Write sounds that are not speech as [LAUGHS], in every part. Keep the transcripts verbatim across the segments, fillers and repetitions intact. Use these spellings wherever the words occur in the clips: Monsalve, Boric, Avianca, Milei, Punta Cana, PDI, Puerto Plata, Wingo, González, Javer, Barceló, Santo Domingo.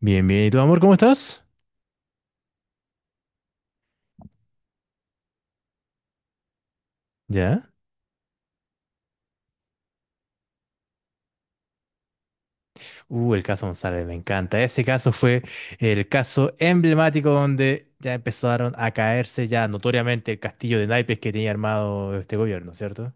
Bien, bien. ¿Y tú, amor, cómo estás? ¿Ya? Uh, el caso González, me encanta. Ese caso fue el caso emblemático donde ya empezaron a caerse ya notoriamente el castillo de naipes que tenía armado este gobierno, ¿cierto?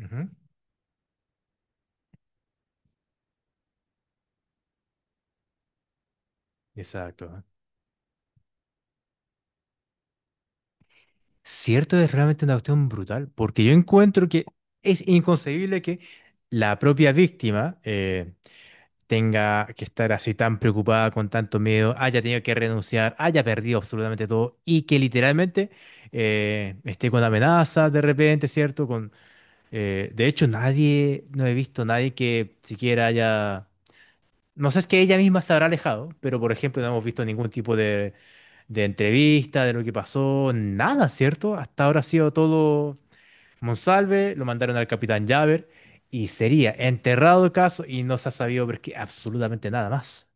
Ujú. Exacto. Cierto, es realmente una cuestión brutal, porque yo encuentro que es inconcebible que la propia víctima, eh, tenga que estar así tan preocupada, con tanto miedo, haya tenido que renunciar, haya perdido absolutamente todo y que literalmente eh, esté con amenazas de repente, ¿cierto? Con, eh, de hecho, nadie, no he visto nadie que siquiera haya. No sé, es que ella misma se habrá alejado, pero por ejemplo no hemos visto ningún tipo de, de entrevista, de lo que pasó, nada, ¿cierto? Hasta ahora ha sido todo Monsalve, lo mandaron al capitán Javer y sería enterrado el caso y no se ha sabido ver que absolutamente nada más.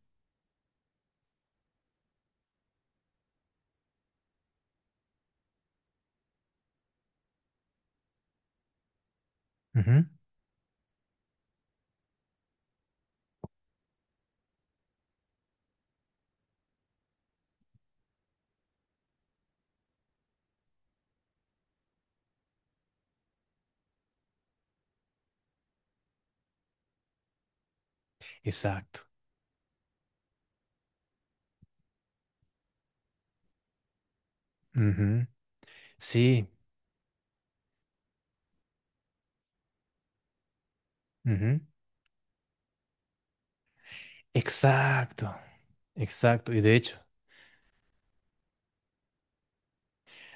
Ujú. Exacto. Ujú. Sí. Ujú. Exacto. Exacto. Y de hecho,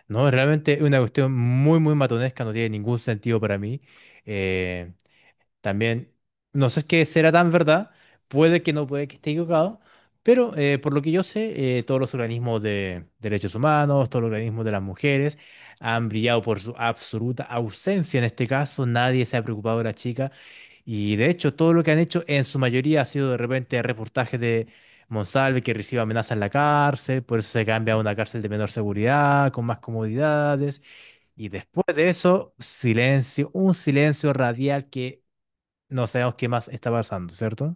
no, realmente es una cuestión muy, muy matonesca, no tiene ningún sentido para mí. eh, También, no sé qué será tan verdad, puede que no, puede que esté equivocado, pero eh, por lo que yo sé, eh, todos los organismos de derechos humanos, todos los organismos de las mujeres han brillado por su absoluta ausencia en este caso, nadie se ha preocupado de la chica y de hecho todo lo que han hecho en su mayoría ha sido de repente reportajes de Monsalve que recibe amenazas en la cárcel, por eso se cambia a una cárcel de menor seguridad, con más comodidades. Y después de eso, silencio, un silencio radial que no sabemos qué más está pasando, ¿cierto?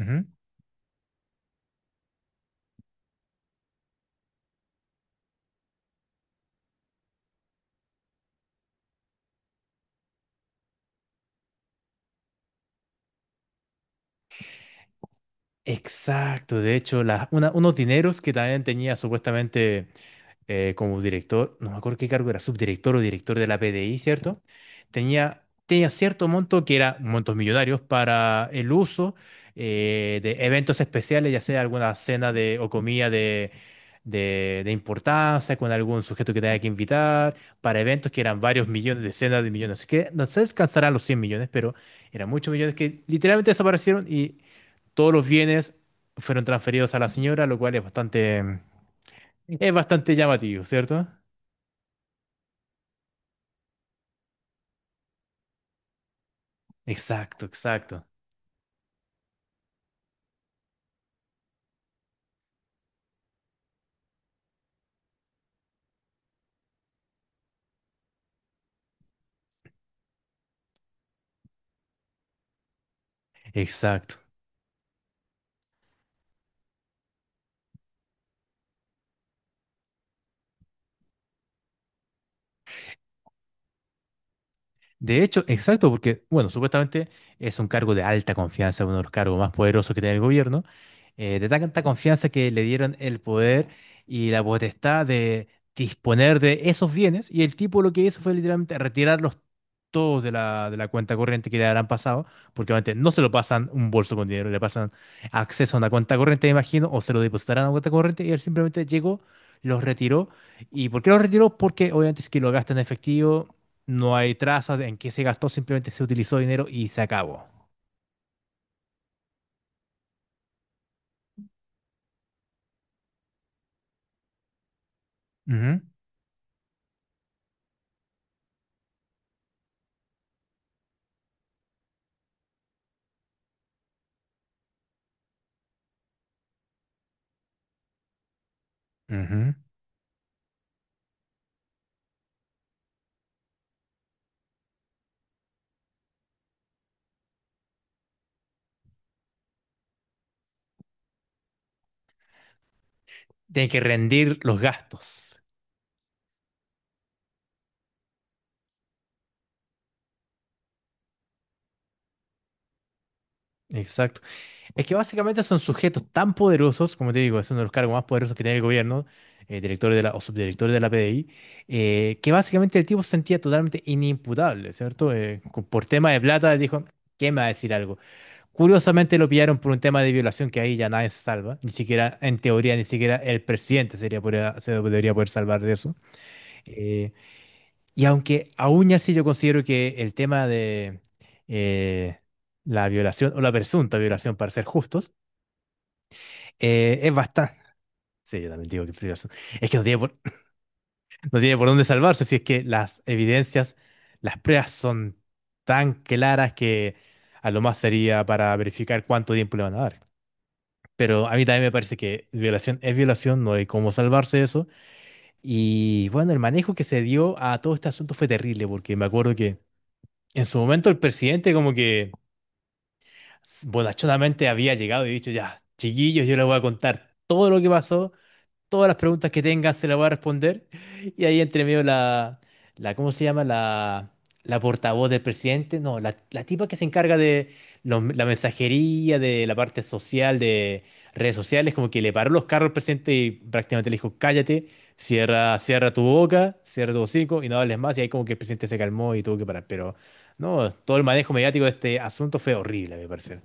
Ujú. Exacto, de hecho, la- una- unos dineros que también tenía supuestamente eh, como director, no me acuerdo qué cargo era, subdirector o director de la P D I, ¿cierto? Tenía, tenía cierto monto que era montos millonarios para el uso eh, de eventos especiales, ya sea alguna cena de, o comida de, de, de importancia con algún sujeto que tenía que invitar, para eventos que eran varios millones, decenas de millones. Así que no se alcanzarán los cien millones, pero eran muchos millones que literalmente desaparecieron y todos los bienes fueron transferidos a la señora, lo cual es bastante, es bastante llamativo, ¿cierto? Exacto, exacto, exacto. De hecho, exacto, porque, bueno, supuestamente es un cargo de alta confianza, uno de los cargos más poderosos que tiene el gobierno, eh, de tanta confianza que le dieron el poder y la potestad de disponer de esos bienes, y el tipo lo que hizo fue literalmente retirarlos todos de la, de la cuenta corriente que le habrán pasado, porque obviamente no se lo pasan un bolso con dinero, le pasan acceso a una cuenta corriente, me imagino, o se lo depositarán a una cuenta corriente, y él simplemente llegó, los retiró. ¿Y por qué los retiró? Porque obviamente es que lo gasta en efectivo. No hay trazas de en qué se gastó, simplemente se utilizó dinero y se acabó. Ujú, ujú. Tiene que rendir los gastos. Exacto. Es que básicamente son sujetos tan poderosos, como te digo, es uno de los cargos más poderosos que tiene el gobierno, eh, director de la, o subdirector de la P D I, eh, que básicamente el tipo se sentía totalmente inimputable, ¿cierto? Eh, co- por tema de plata dijo, ¿qué me va a decir algo? Curiosamente lo pillaron por un tema de violación que ahí ya nadie se salva, ni siquiera, en teoría, ni siquiera el presidente sería, podría- se debería poder salvar de eso. Eh, y aunque aún así yo considero que el tema de eh, la violación o la presunta violación, para ser justos, eh, es bastante. Sí, yo también digo que es violación. Es que no tiene por, [LAUGHS] No tiene por dónde salvarse si es que las evidencias, las pruebas son tan claras que a lo más sería para verificar cuánto tiempo le van a dar. Pero a mí también me parece que violación es violación, no hay cómo salvarse de eso. Y bueno, el manejo que se dio a todo este asunto fue terrible, porque me acuerdo que en su momento el presidente como que s- bonachonamente había llegado y dicho, ya, chiquillos, yo les voy a contar todo lo que pasó. Todas las preguntas que tengas se las voy a responder. Y ahí entre medio la, la ¿cómo se llama? La, la portavoz del presidente. No, la, la tipa que se encarga de los- la mensajería, de la parte social, de redes sociales, como que le paró los carros al presidente y prácticamente le dijo, cállate, cierra, cierra tu boca, cierra tu hocico y no hables más. Y ahí como que el presidente se calmó y tuvo que parar. Pero no, todo el manejo mediático de este asunto fue horrible, a mi parecer.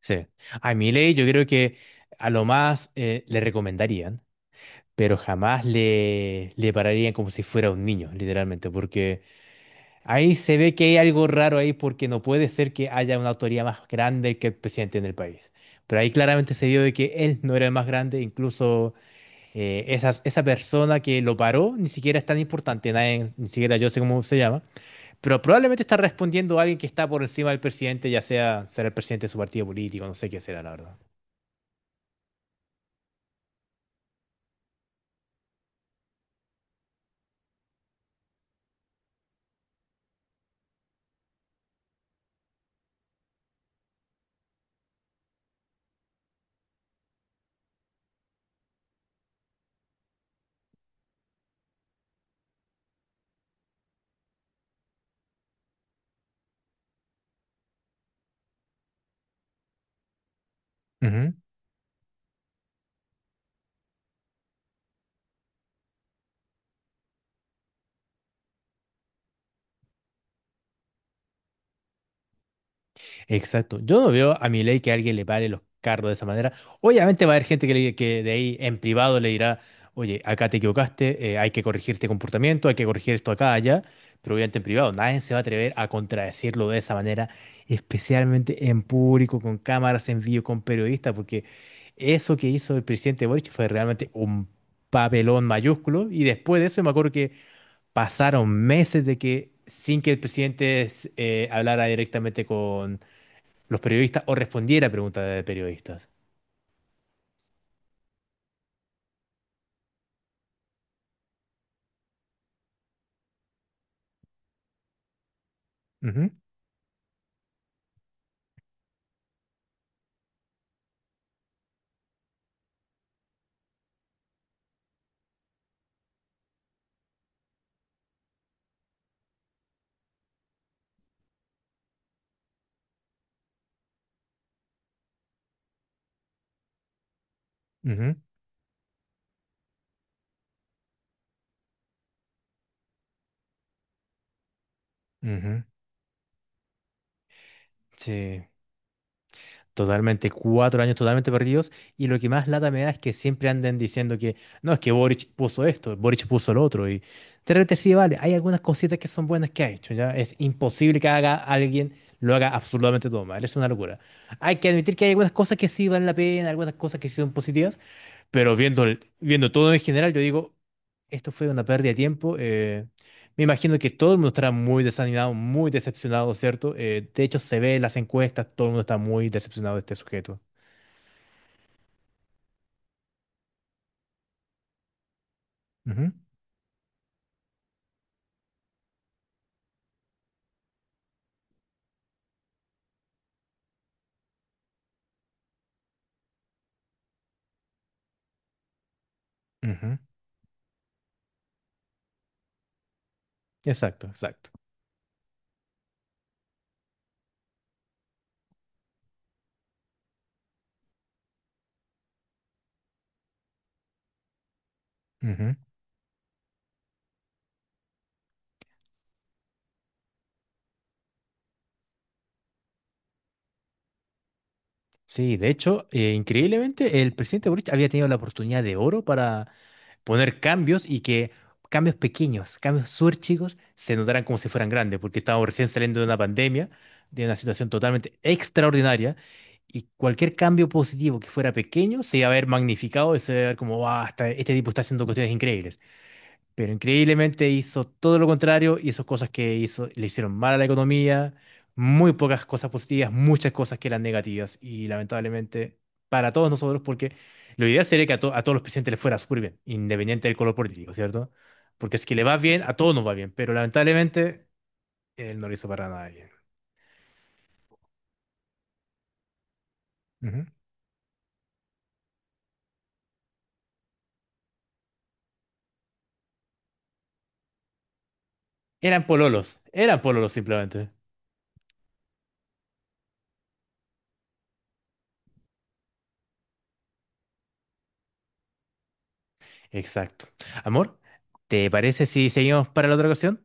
Sí. A Milei yo creo que a lo más eh, le recomendaría pero jamás le, le pararían como si fuera un niño, literalmente, porque ahí se ve que hay algo raro ahí porque no puede ser que haya una autoría más grande que el presidente en el país. Pero ahí claramente se dio de que él no era el más grande, incluso eh, esas- esa persona que lo paró ni siquiera es tan importante, nadie, ni siquiera yo sé cómo se llama, pero probablemente está respondiendo a alguien que está por encima del presidente, ya sea será el presidente de su partido político, no sé qué será, la verdad. Exacto. Yo no veo a Milei que alguien le pare los carros de esa manera. Obviamente va a haber gente que, le- que de ahí en privado le dirá, oye, acá te equivocaste, eh, hay que corregir este comportamiento, hay que corregir esto acá, allá, pero obviamente en privado. Nadie se va a atrever a contradecirlo de esa manera, especialmente en público, con cámaras en vivo, con periodistas, porque eso que hizo el presidente Boric fue realmente un papelón mayúsculo. Y después de eso me acuerdo que pasaron meses de que sin que el presidente eh, hablara directamente los periodistas o respondiera a preguntas de periodistas. Ujú, ujú, ujú. Sí, totalmente, cuatro años totalmente perdidos. Y lo que más lata me da es que siempre anden diciendo que no, es que Boric puso esto, Boric puso lo otro. Y de repente sí, vale, hay algunas cositas que son buenas que ha hecho, ¿ya? Es imposible que haga alguien lo haga absolutamente todo mal, es una locura. Hay que admitir que hay algunas cosas que sí valen la pena, algunas cosas que sí son positivas. Pero viendo, el- viendo todo en general, yo digo, esto fue una pérdida de tiempo. Eh, me imagino que todo el mundo estará muy desanimado, muy decepcionado, ¿cierto? Eh, de hecho, se ve en las encuestas, todo el mundo está muy decepcionado de este sujeto. Ujú, ujú. Exacto, exacto. Ujú. Sí, de hecho, eh, increíblemente, el presidente Boric había tenido la oportunidad de oro para poner cambios y que cambios pequeños, cambios súper chicos, se notaran como si fueran grandes, porque estábamos recién saliendo de una pandemia, de una situación totalmente extraordinaria, y cualquier cambio positivo que fuera pequeño se iba a ver magnificado y se iba a ver como, "Guau, este tipo está haciendo cuestiones increíbles", pero increíblemente hizo todo lo contrario, hizo cosas que hizo, le hicieron mal a la economía, muy pocas cosas positivas, muchas cosas que eran negativas y lamentablemente para todos nosotros, porque lo ideal sería que a, to- a todos los presidentes les fuera súper bien, independiente del color político, ¿cierto? Porque si es que le va bien, a todos nos va bien, pero lamentablemente él no lo hizo para nada bien. Ujú. Eran pololos, eran pololos simplemente. Exacto. Amor, ¿te parece si seguimos para la otra ocasión?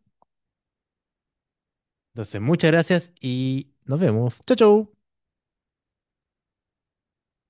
Entonces, muchas gracias y nos vemos. Chau, chau.